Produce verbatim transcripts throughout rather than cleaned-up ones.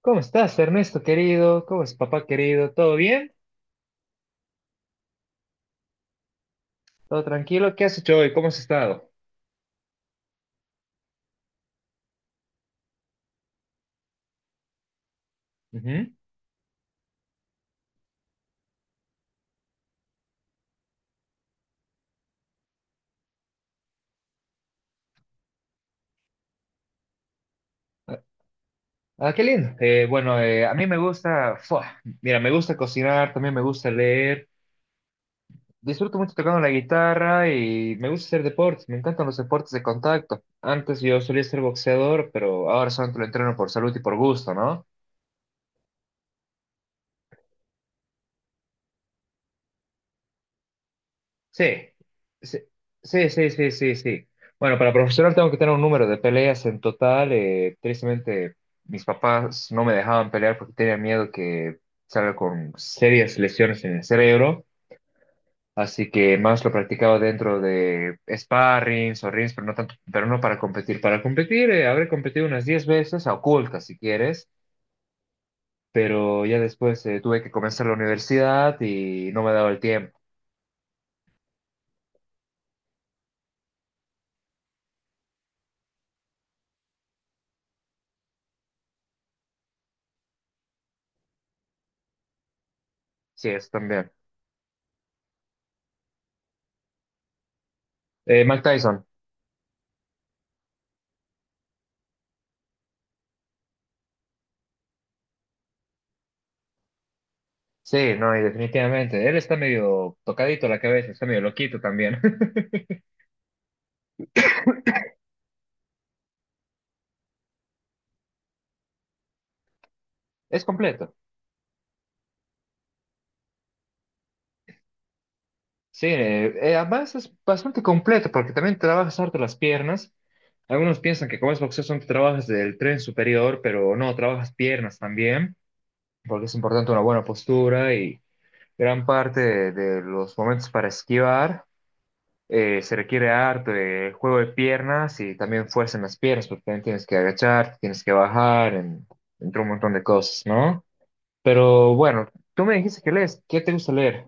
¿Cómo estás, Ernesto querido? ¿Cómo es papá querido? ¿Todo bien? ¿Todo tranquilo? ¿Qué has hecho hoy? ¿Cómo has estado? Ujú. Ah, qué lindo. Eh, bueno, eh, a mí me gusta, ¡fua! Mira, me gusta cocinar, también me gusta leer. Disfruto mucho tocando la guitarra y me gusta hacer deportes. Me encantan los deportes de contacto. Antes yo solía ser boxeador, pero ahora solamente lo entreno por salud y por gusto, ¿no? Sí, sí, sí, sí, sí, sí. Sí. Bueno, para profesional tengo que tener un número de peleas en total. eh, tristemente, mis papás no me dejaban pelear porque tenían miedo que salga con serias lesiones en el cerebro. Así que más lo practicaba dentro de sparrings o rings, pero no tanto, pero no para competir. Para competir, eh, habré competido unas diez veces, a ocultas si quieres, pero ya después eh, tuve que comenzar la universidad y no me daba el tiempo. Sí, eso también. Eh, Mike Tyson. Sí, no, y definitivamente. Él está medio tocadito la cabeza, está medio loquito también. Es completo. Sí, eh, eh, además es bastante completo porque también trabajas harto las piernas. Algunos piensan que como es boxeo son trabajas del tren superior, pero no, trabajas piernas también, porque es importante una buena postura y gran parte de, de los momentos para esquivar eh, se requiere harto de juego de piernas y también fuerza en las piernas, porque también tienes que agachar, tienes que bajar, en- entre un montón de cosas, ¿no? Pero bueno, tú me dijiste que lees. ¿Qué te gusta leer?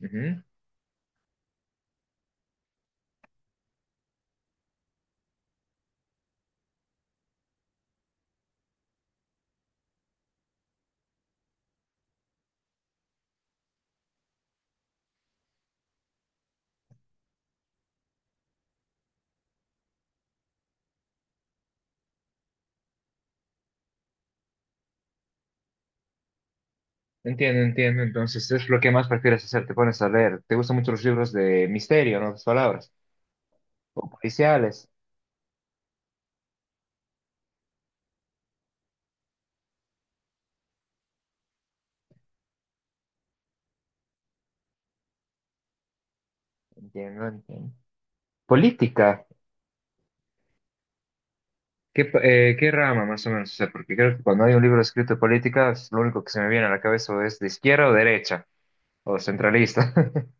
Ujú. Entiendo, entiendo. Entonces, es lo que más prefieres hacer. Te pones a leer. Te gustan mucho los libros de misterio, en otras palabras. O policiales. Entiendo, entiendo. Política. ¿Qué, pa- eh, qué rama más o menos? O sea, porque creo que cuando hay un libro escrito de política, es lo único que se me viene a la cabeza o es de izquierda o derecha, o centralista.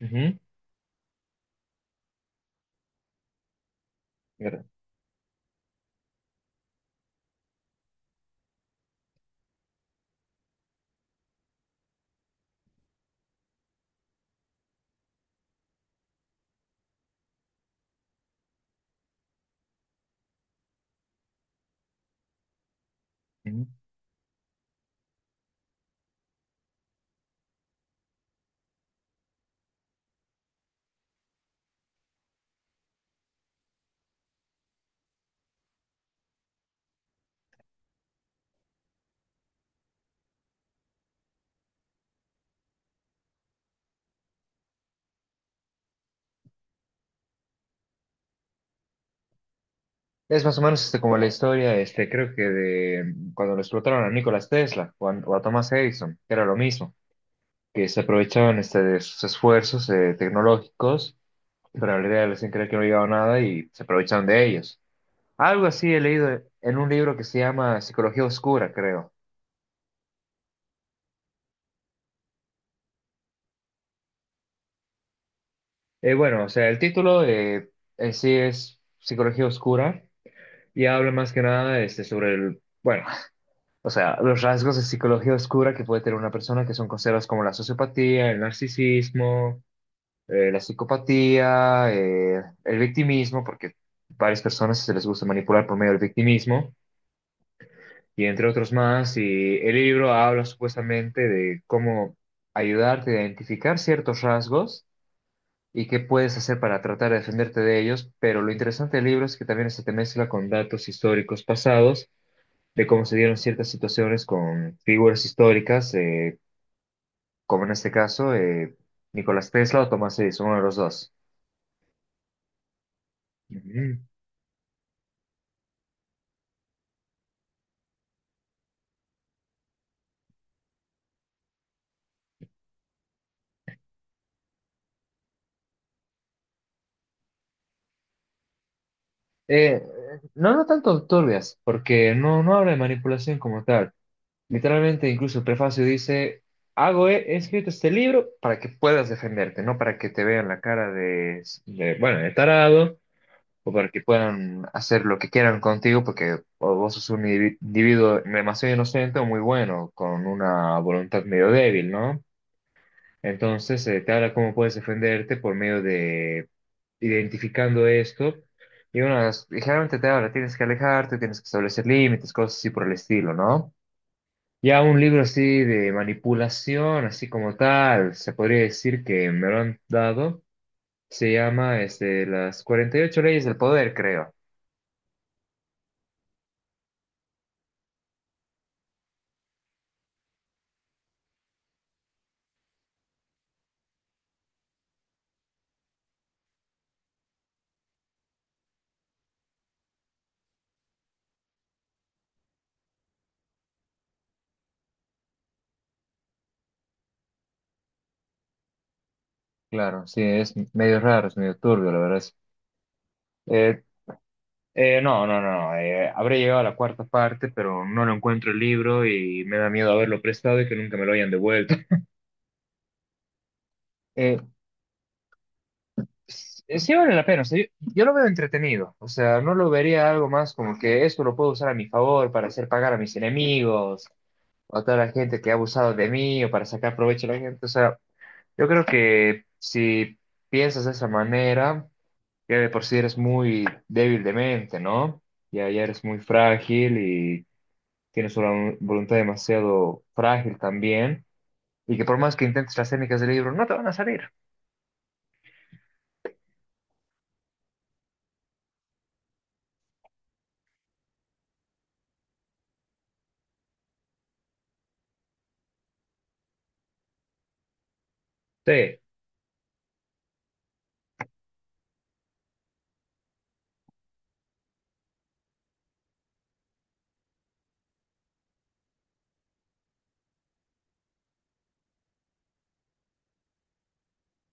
Ujú, ¿verdad? Ujú. Es más o menos este, como la historia, este, creo que de cuando lo explotaron a Nikola Tesla o a, o a Thomas Edison, que era lo mismo, que se aprovechaban este, de sus esfuerzos eh, tecnológicos, pero en realidad les hacían creer que no llegaba nada y se aprovechaban de ellos. Algo así he leído en un libro que se llama Psicología Oscura, creo. Eh, bueno, o sea, el título eh, en sí es Psicología Oscura, y habla más que nada este, sobre el, bueno, o sea, los rasgos de psicología oscura que puede tener una persona que son considerados como la sociopatía, el narcisismo, eh, la psicopatía, eh, el victimismo, porque varias personas se les gusta manipular por medio del victimismo, y entre otros más. Y el libro habla supuestamente de cómo ayudarte a identificar ciertos rasgos y qué puedes hacer para tratar de defenderte de ellos, pero lo interesante del libro es que también se te mezcla con datos históricos pasados de cómo se dieron ciertas situaciones con figuras históricas, eh, como en este caso eh, Nicolás Tesla o Thomas Edison, uno de los dos. Ujú. Eh, no, no tanto turbias, porque no, no habla de manipulación como tal. Literalmente, incluso el prefacio dice: hago, he, he escrito este libro para que puedas defenderte, no para que te vean la cara de, de, bueno, de tarado, o para que puedan hacer lo que quieran contigo, porque o vos sos un indivi- individuo demasiado inocente o muy bueno, con una voluntad medio débil, ¿no? Entonces, eh, te habla cómo puedes defenderte por medio identificando esto. Y unas, ligeramente te habla, tienes que alejarte, tienes que establecer límites, cosas así por el estilo, ¿no? Ya un libro así de manipulación, así como tal, se podría decir que me lo han dado, se llama este, Las cuarenta y ocho Leyes del Poder, creo. Claro, sí, es medio raro, es medio turbio, la verdad. es- Eh, eh, no, no, no, no, eh, habré llegado a la cuarta parte, pero no lo encuentro el libro y me da miedo haberlo prestado y que nunca me lo hayan devuelto. Eh, Eh, sí vale la pena, o sea, yo, yo lo veo entretenido, o sea, no lo vería algo más como que esto lo puedo usar a mi favor para hacer pagar a mis enemigos o a toda la gente que ha abusado de mí o para sacar provecho a la gente, o sea, yo creo que si piensas de esa manera, ya de por sí eres muy débil de mente, ¿no? Ya, ya eres muy frágil y tienes una vo- voluntad demasiado frágil también, y que por más que intentes las técnicas del libro, no te van a salir. Sí.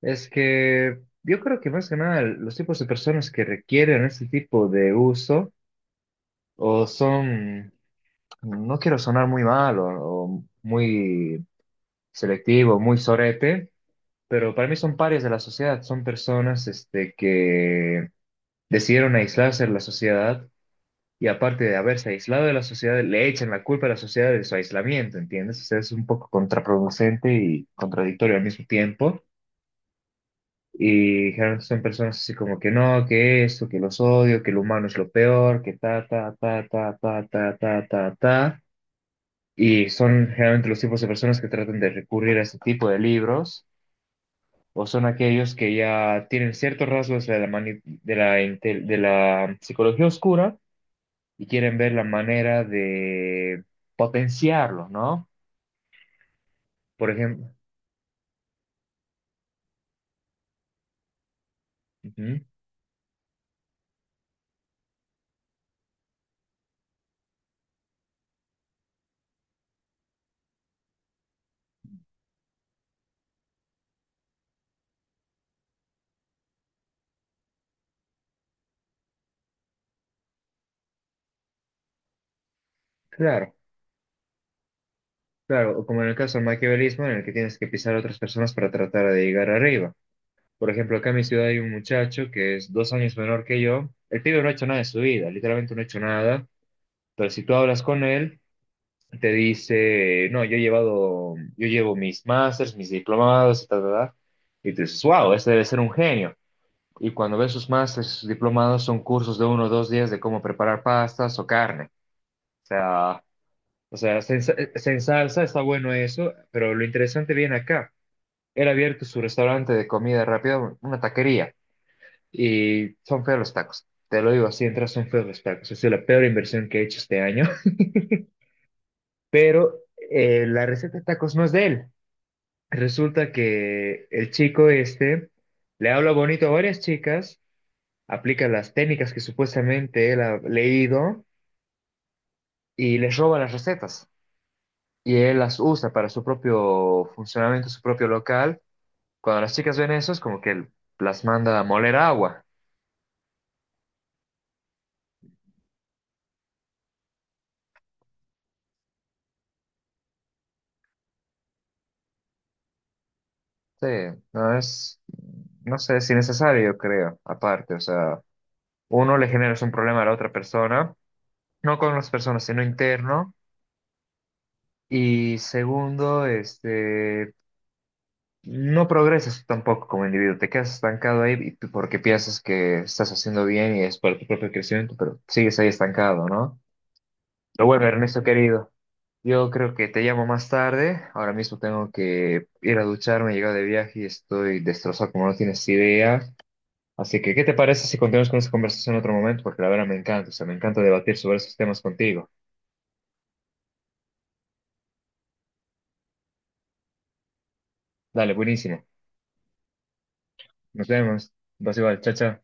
Es que yo creo que más que nada los tipos de personas que requieren este tipo de uso o son, no quiero sonar muy mal o, o muy selectivo, muy sorete, pero para mí son parias de la sociedad, son personas este, que decidieron aislarse de la sociedad, y aparte de haberse aislado de la sociedad, le echan la culpa a la sociedad de su aislamiento, ¿entiendes? O sea, es un poco contraproducente y contradictorio al mismo tiempo. Y generalmente son personas así como que no, que esto, que los odio, que el humano es lo peor, que ta, ta, ta, ta, ta, ta, ta, ta, ta. Y son generalmente los tipos de personas que tratan de recurrir a este tipo de libros, o son aquellos que ya tienen ciertos rasgos de la, mani- de la, intel- de la psicología oscura, y quieren ver la manera de potenciarlo, ¿no? Por ejemplo, ujú, claro, claro, o como en el caso del maquiavelismo, en el que tienes que pisar a otras personas para tratar de llegar arriba. Por ejemplo, acá en mi ciudad hay un muchacho que es dos años menor que yo. El pibe no ha hecho nada de su vida, literalmente no ha hecho nada. Pero si tú hablas con él, te dice: no, yo he llevado, yo llevo mis másters, mis diplomados, y tal, tal, tal. Y tú dices, wow, este debe ser un genio. Y cuando ves sus másters, sus diplomados, son cursos de uno o dos días de cómo preparar pastas o carne. O sea, o sea, se, ensa- se ensalza, está bueno eso, pero lo interesante viene acá. Él ha abierto su restaurante de comida rápida, una taquería. Y son feos los tacos. Te lo digo así, entras, son feos los tacos. Ha sido la peor inversión que he hecho este año. Pero eh, la receta de tacos no es de él. Resulta que el chico este le habla bonito a varias chicas, aplica las técnicas que supuestamente él ha leído y les roba las recetas. Y él las usa para su propio funcionamiento, su propio local. Cuando las chicas ven eso, es como que él las manda a moler agua. Sí, no es, no sé si necesario, creo, aparte, o sea, uno le generas un problema a la otra persona, no con las personas, sino interno, y segundo, este, no progresas tampoco como individuo, te quedas estancado ahí y- porque piensas que estás haciendo bien y es para tu propio crecimiento, pero sigues ahí estancado, ¿no? Pero bueno, Ernesto querido, yo creo que te llamo más tarde, ahora mismo tengo que ir a ducharme, he llegado de viaje y estoy destrozado como no tienes idea. Así que, ¿qué te parece si continuamos con esta conversación en otro momento? Porque la verdad me encanta, o sea, me encanta debatir sobre esos temas contigo. Dale, buenísimo. Nos vemos. Vas igual, chao, chao.